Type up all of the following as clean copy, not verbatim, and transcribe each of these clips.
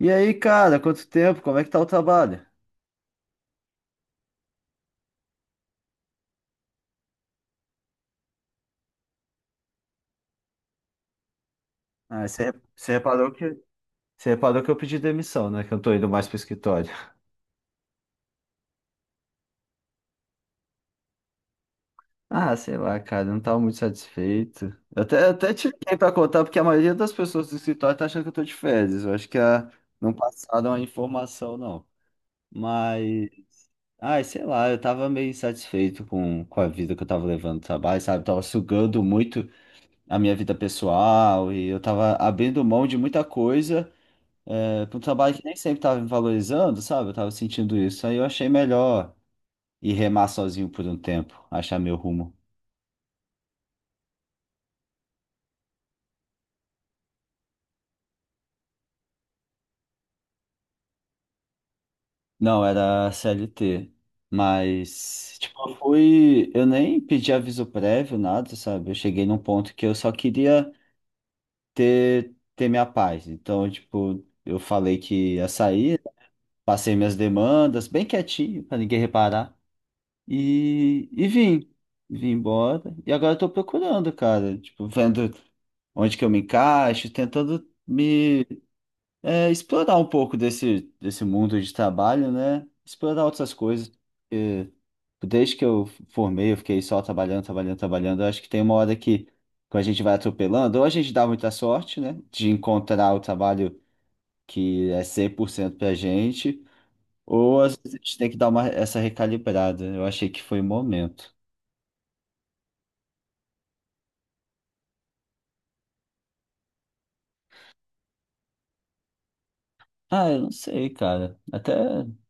E aí, cara, quanto tempo? Como é que tá o trabalho? Você reparou que, você reparou que eu pedi demissão, né? Que eu tô indo mais pro escritório. Ah, sei lá, cara, eu não tava muito satisfeito. Eu até te liguei pra contar, porque a maioria das pessoas do escritório tá achando que eu tô de férias. Eu acho que não passaram a informação, não. Mas, ai, sei lá, eu tava meio insatisfeito com a vida que eu tava levando no trabalho, sabe? Tava sugando muito a minha vida pessoal e eu tava abrindo mão de muita coisa, é, para um trabalho que nem sempre estava me valorizando, sabe? Eu tava sentindo isso. Aí eu achei melhor ir remar sozinho por um tempo, achar meu rumo. Não, era CLT. Mas, tipo, eu fui. Eu nem pedi aviso prévio, nada, sabe? Eu cheguei num ponto que eu só queria ter minha paz. Então, tipo, eu falei que ia sair, passei minhas demandas, bem quietinho, pra ninguém reparar. E vim. Vim embora. E agora eu tô procurando, cara. Tipo, vendo onde que eu me encaixo, tentando me explorar um pouco desse mundo de trabalho, né? Explorar outras coisas, porque desde que eu formei, eu fiquei só trabalhando, trabalhando, trabalhando. Eu acho que tem uma hora que, quando a gente vai atropelando, ou a gente dá muita sorte, né? De encontrar o trabalho que é 100% pra gente, ou às vezes a gente tem que dar uma, essa recalibrada. Eu achei que foi o momento. Ah, eu não sei, cara. Até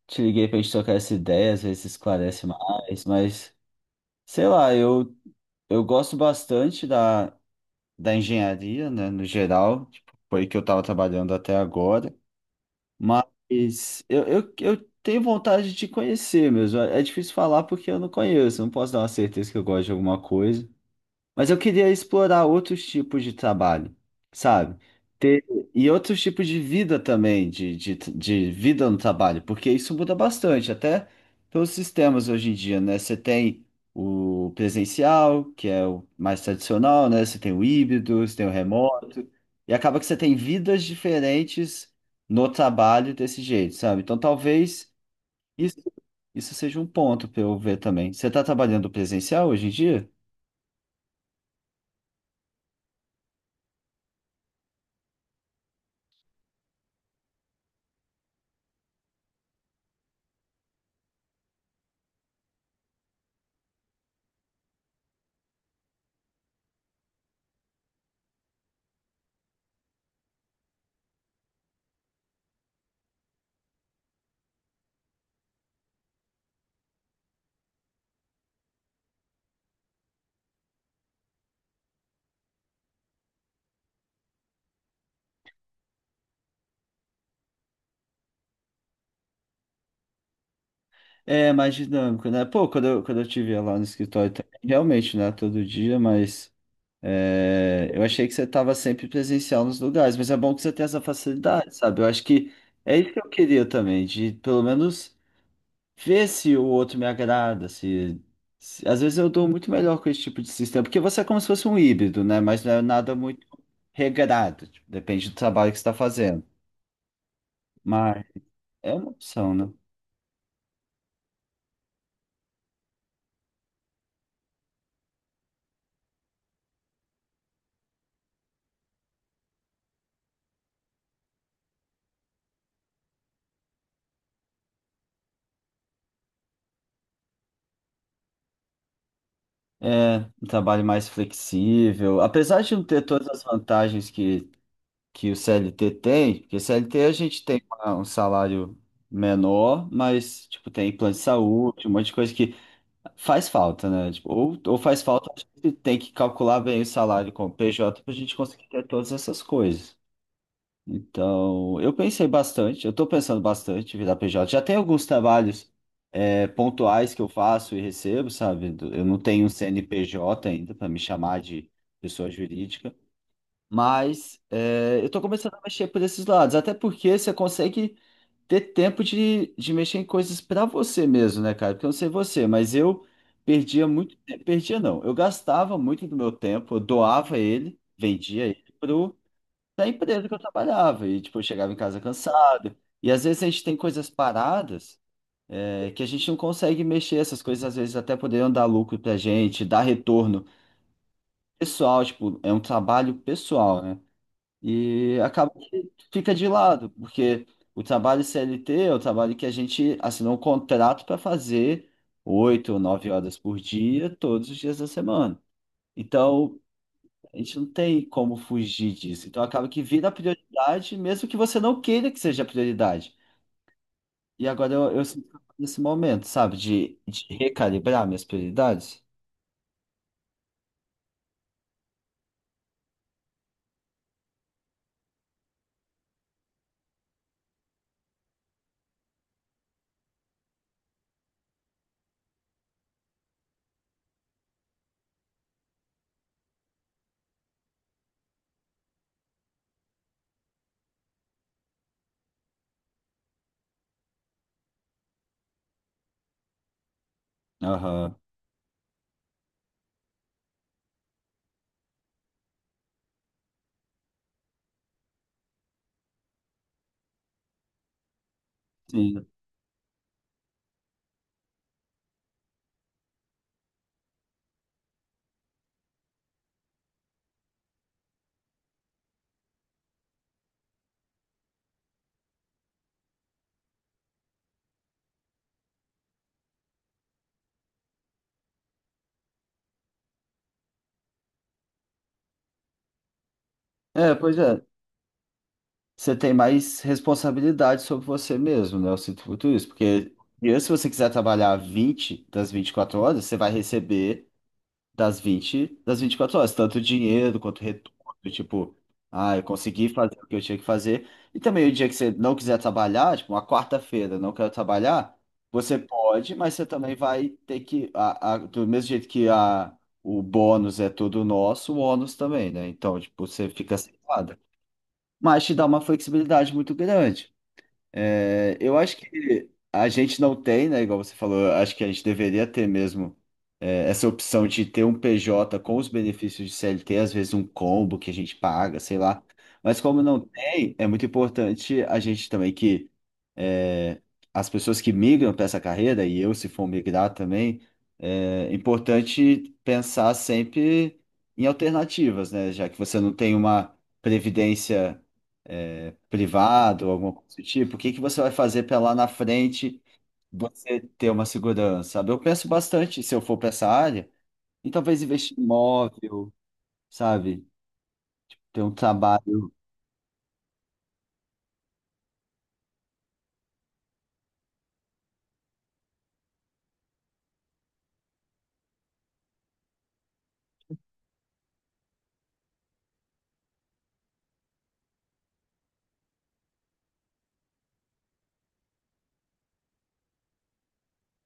te liguei pra gente trocar essa ideia, às vezes esclarece mais, mas sei lá, eu gosto bastante da, da engenharia, né, no geral, tipo, foi que eu tava trabalhando até agora, mas eu tenho vontade de conhecer mesmo. É difícil falar porque eu não conheço, não posso dar uma certeza que eu gosto de alguma coisa. Mas eu queria explorar outros tipos de trabalho, sabe? Ter, e outros tipos de vida também, de vida no trabalho, porque isso muda bastante, até pelos sistemas hoje em dia, né? Você tem o presencial, que é o mais tradicional, né? Você tem o híbrido, você tem o remoto, e acaba que você tem vidas diferentes no trabalho desse jeito, sabe? Então talvez isso, isso seja um ponto para eu ver também. Você está trabalhando presencial hoje em dia? É mais dinâmico, né? Pô, quando eu te via lá no escritório também, realmente, né? Todo dia, mas eu achei que você estava sempre presencial nos lugares, mas é bom que você tenha essa facilidade, sabe? Eu acho que é isso que eu queria também, de pelo menos ver se o outro me agrada, às vezes eu dou muito melhor com esse tipo de sistema, porque você é como se fosse um híbrido, né? Mas não é nada muito regrado, tipo, depende do trabalho que você está fazendo. Mas é uma opção, né? É, um trabalho mais flexível. Apesar de não ter todas as vantagens que o CLT tem, porque CLT a gente tem um salário menor, mas tipo, tem plano de saúde, um monte de coisa que faz falta, né? Tipo, ou faz falta, a gente tem que calcular bem o salário com o PJ para a gente conseguir ter todas essas coisas. Então, eu pensei bastante, eu estou pensando bastante em virar PJ. Já tem alguns trabalhos pontuais que eu faço e recebo, sabe? Eu não tenho um CNPJ ainda para me chamar de pessoa jurídica, mas eu estou começando a mexer por esses lados, até porque você consegue ter tempo de mexer em coisas para você mesmo, né, cara? Porque eu não sei você, mas eu perdia muito tempo, perdia não, eu gastava muito do meu tempo, eu doava ele, vendia ele pra empresa que eu trabalhava, e tipo, eu chegava em casa cansado, e às vezes a gente tem coisas paradas que a gente não consegue mexer, essas coisas às vezes até poderiam dar lucro pra gente, dar retorno pessoal, tipo, é um trabalho pessoal, né? E acaba que fica de lado, porque o trabalho CLT é o trabalho que a gente assinou um contrato para fazer 8 ou 9 horas por dia, todos os dias da semana. Então, a gente não tem como fugir disso. Então, acaba que vira prioridade, mesmo que você não queira que seja prioridade. E agora eu sinto que eu tô nesse momento, sabe? De recalibrar minhas prioridades. Aham. Sim. É, pois é. Você tem mais responsabilidade sobre você mesmo, né? Eu sinto muito isso. Porque e se você quiser trabalhar 20 das 24 horas, você vai receber das 20, das 24 horas, tanto dinheiro quanto retorno, tipo, ah, eu consegui fazer o que eu tinha que fazer. E também o dia que você não quiser trabalhar, tipo, uma quarta-feira, não quero trabalhar, você pode, mas você também vai ter que, do mesmo jeito que a, o bônus é todo nosso, o ônus também, né? Então, tipo, você fica sem nada. Mas te dá uma flexibilidade muito grande. É, eu acho que a gente não tem, né? Igual você falou, acho que a gente deveria ter mesmo essa opção de ter um PJ com os benefícios de CLT, às vezes um combo que a gente paga, sei lá. Mas como não tem, é muito importante a gente também que é, as pessoas que migram para essa carreira, e eu se for migrar também, é importante pensar sempre em alternativas, né? Já que você não tem uma previdência privada ou alguma coisa do tipo, o que que você vai fazer para lá na frente você ter uma segurança, sabe? Eu penso bastante, se eu for para essa área, em talvez investir em imóvel, sabe? Ter um trabalho.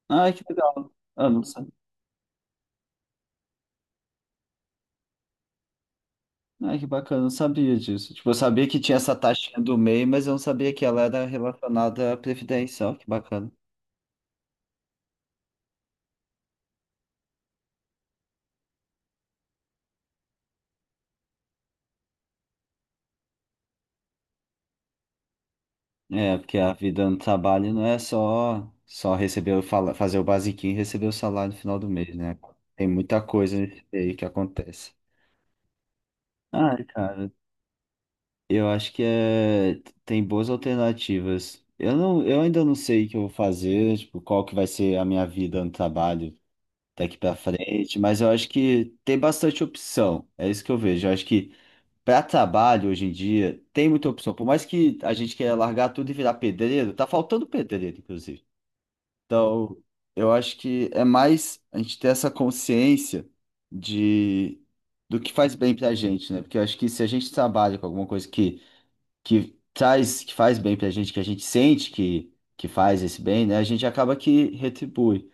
Ai, que legal. Ah, não sabia. Ai, que bacana, não sabia disso. Tipo, eu sabia que tinha essa taxinha do MEI, mas eu não sabia que ela era relacionada à previdência. Ó, que bacana. É, porque a vida no trabalho não é só receber, o fazer o basiquinho e receber o salário no final do mês, né? Tem muita coisa aí que acontece. Ai, cara. Eu acho que é, tem boas alternativas. Eu não, eu ainda não sei o que eu vou fazer, tipo, qual que vai ser a minha vida no trabalho daqui pra frente, mas eu acho que tem bastante opção. É isso que eu vejo. Eu acho que para trabalho hoje em dia tem muita opção. Por mais que a gente queira largar tudo e virar pedreiro, tá faltando pedreiro, inclusive. Então, eu acho que é mais a gente ter essa consciência de do que faz bem pra gente, né? Porque eu acho que se a gente trabalha com alguma coisa que traz, que faz bem pra gente, que a gente sente que faz esse bem, né? A gente acaba que retribui.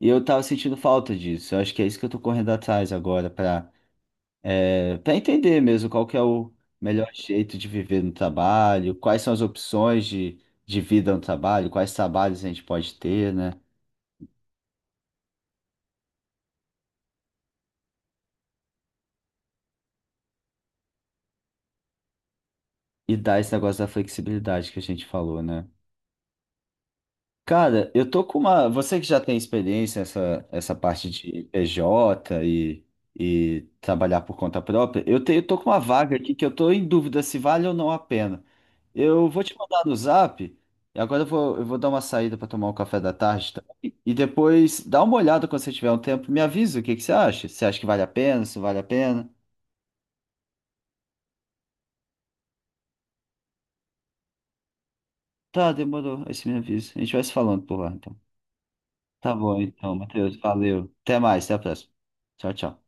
E eu tava sentindo falta disso. Eu acho que é isso que eu tô correndo atrás agora pra para entender mesmo qual que é o melhor jeito de viver no trabalho, quais são as opções de vida no trabalho, quais trabalhos a gente pode ter, né? E dar esse negócio da flexibilidade que a gente falou, né? Cara, eu tô com uma. Você que já tem experiência nessa essa parte de PJ e trabalhar por conta própria, eu tenho, tô com uma vaga aqui que eu tô em dúvida se vale ou não a pena. Eu vou te mandar no Zap, e agora eu vou dar uma saída para tomar um café da tarde também, e depois dá uma olhada quando você tiver um tempo, me avisa o que que você acha. Você acha que vale a pena, se não vale a pena? Tá, demorou, aí você me avisa. A gente vai se falando por lá, então. Tá bom, então, Matheus, valeu. Até mais, até a próxima. Tchau, tchau.